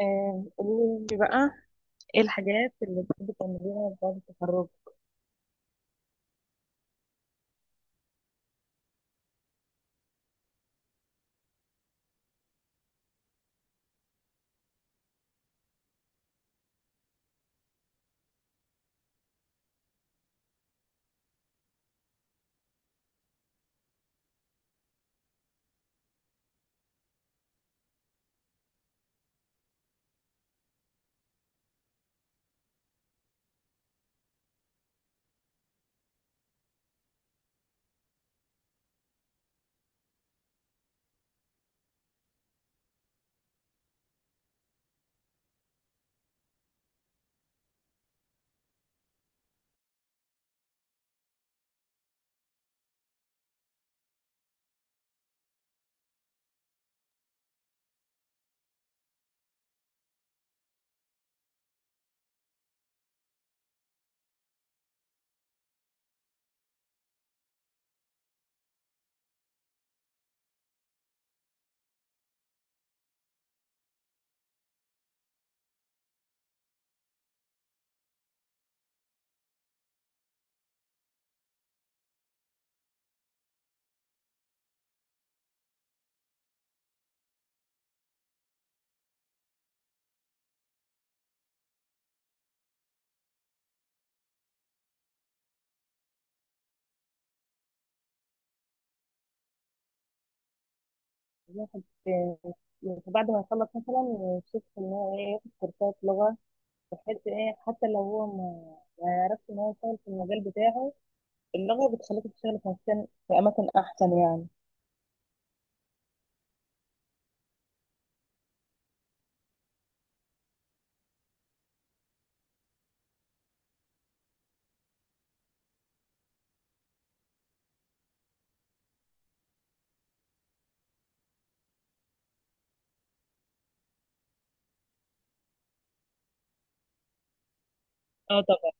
قولي لي بقى، ايه الحاجات اللي بتحبي تعمليها بعد التخرج؟ الواحد يعني بعد ما يخلص مثلا يشوف ان هو ايه، ياخد كورسات لغة، بحيث ايه حتى لو هو ما يعرفش ان هو يشتغل في المجال بتاعه، اللغة بتخليك تشتغل في مكان، في اماكن احسن يعني. اه طبعا.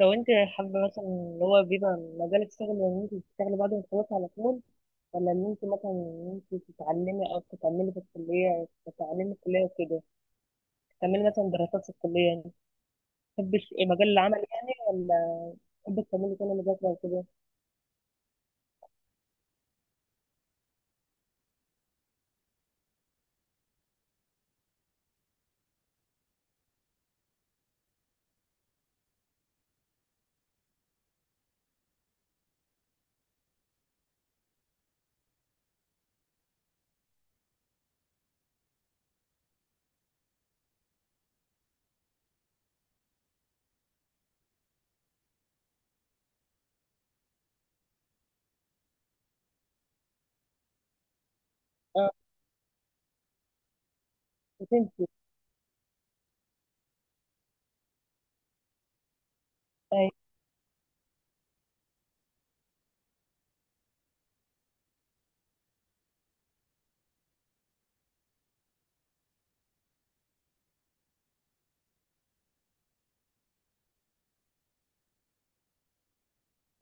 لو انت حابة مثلا اللي هو بيبقى مجالك شغل، ان انت تشتغلي بعد ما تخلصي على طول، ولا ان انت مثلا ان انت تتعلمي او تتعلمي في الكلية، تتعلمي في الكلية وكده، تعملي مثلا دراسات في الكلية، تحبش إيه، مجال العمل يعني ولا تحبي تكملي كل مذاكرة وكده؟ اه وتمشي. أي.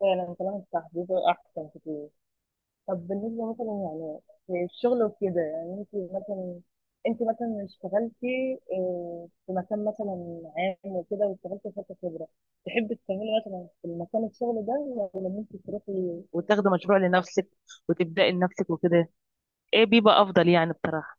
فعلا كلامك صح، بيبقى أحسن كتير. طب بالنسبة مثلا يعني في الشغل وكده يعني أنت، مثلا أنت مثلا اشتغلتي في مكان مثلا عام وكده، واشتغلتي فترة خبرة، تحبي تكملي مثلا في المكان الشغل ده، وأنت تروحي وتاخدي مشروع لنفسك وتبدأي لنفسك وكده، ايه بيبقى افضل يعني بصراحة؟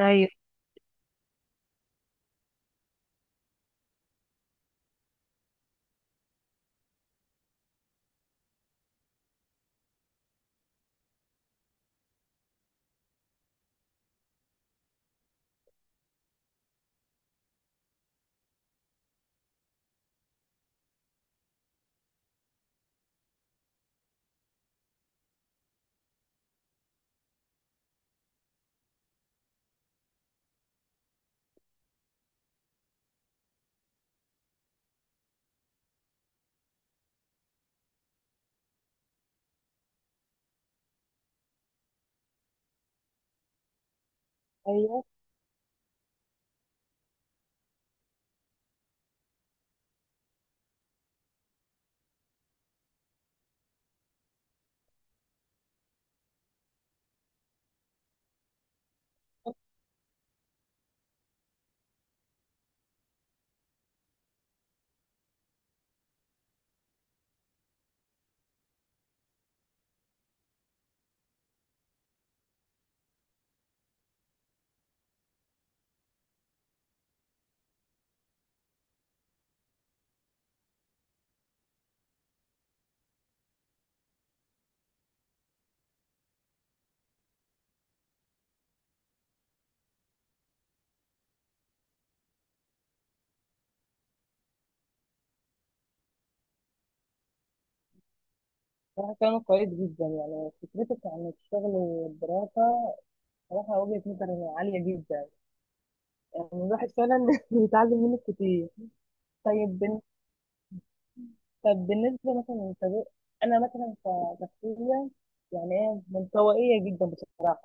ايوه ايوه. صراحة كلامك كويس جدا، يعني فكرتك عن الشغل والدراسة صراحة وجهة نظر عالية جدا، يعني الواحد فعلا بيتعلم منك كتير. طيب طب بالنسبة مثلا للطريق، أنا مثلا كشخصية يعني إيه، منطوائية جدا بصراحة.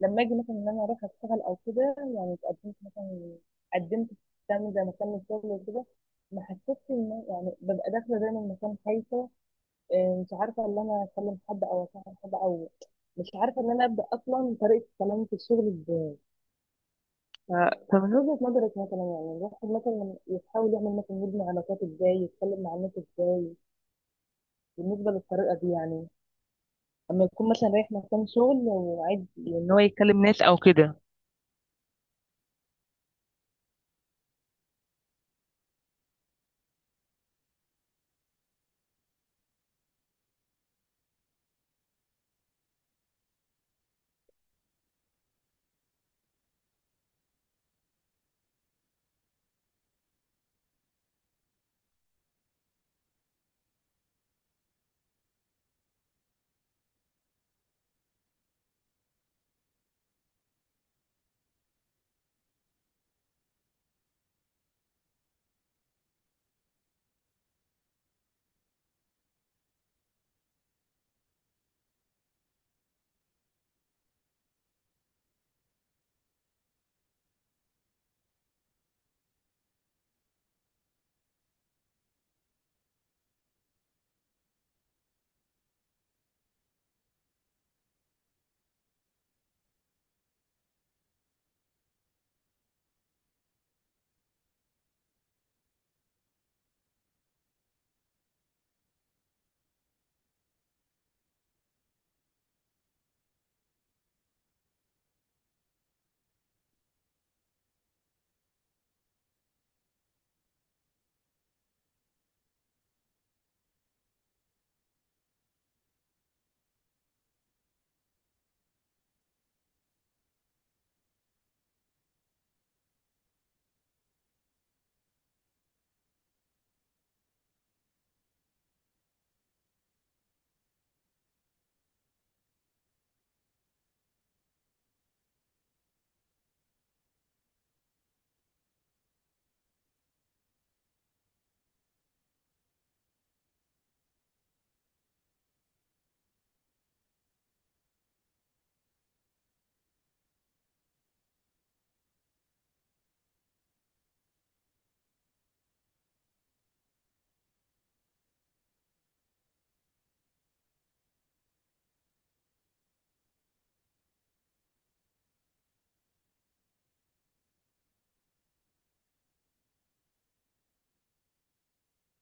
لما أجي مثلا إن أنا أروح أشتغل أو كده، يعني اتقدمت مثلا، قدمت في مكان زي مكان الشغل وكده، ما حسيتش إن يعني ببقى داخلة دايما مكان خايفة، إيه، مش عارفة إن أنا أكلم حد أو أصاحب حد، أو مش عارفة إن أنا أبدأ أصلا طريقة كلامي في الشغل. طب من وجهة نظرك مثلا، يعني الواحد مثلا يحاول يعمل مثلا، يبني علاقات ازاي، يتكلم مع الناس ازاي، بالنسبة للطريقة دي يعني، لما يكون مثلا رايح مكان شغل وعايز ان هو يكلم ناس او كده.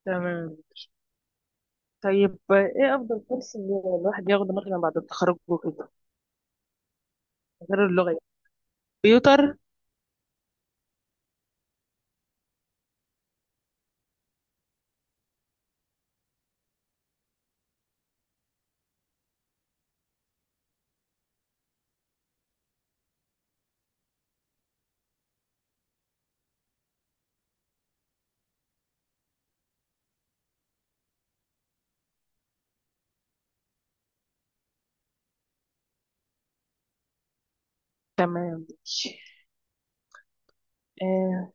تمام. طيب ايه افضل كورس اللي الواحد ياخده مثلا بعد التخرج وكده، غير اللغة يعني؟ كمبيوتر. تمام. آه،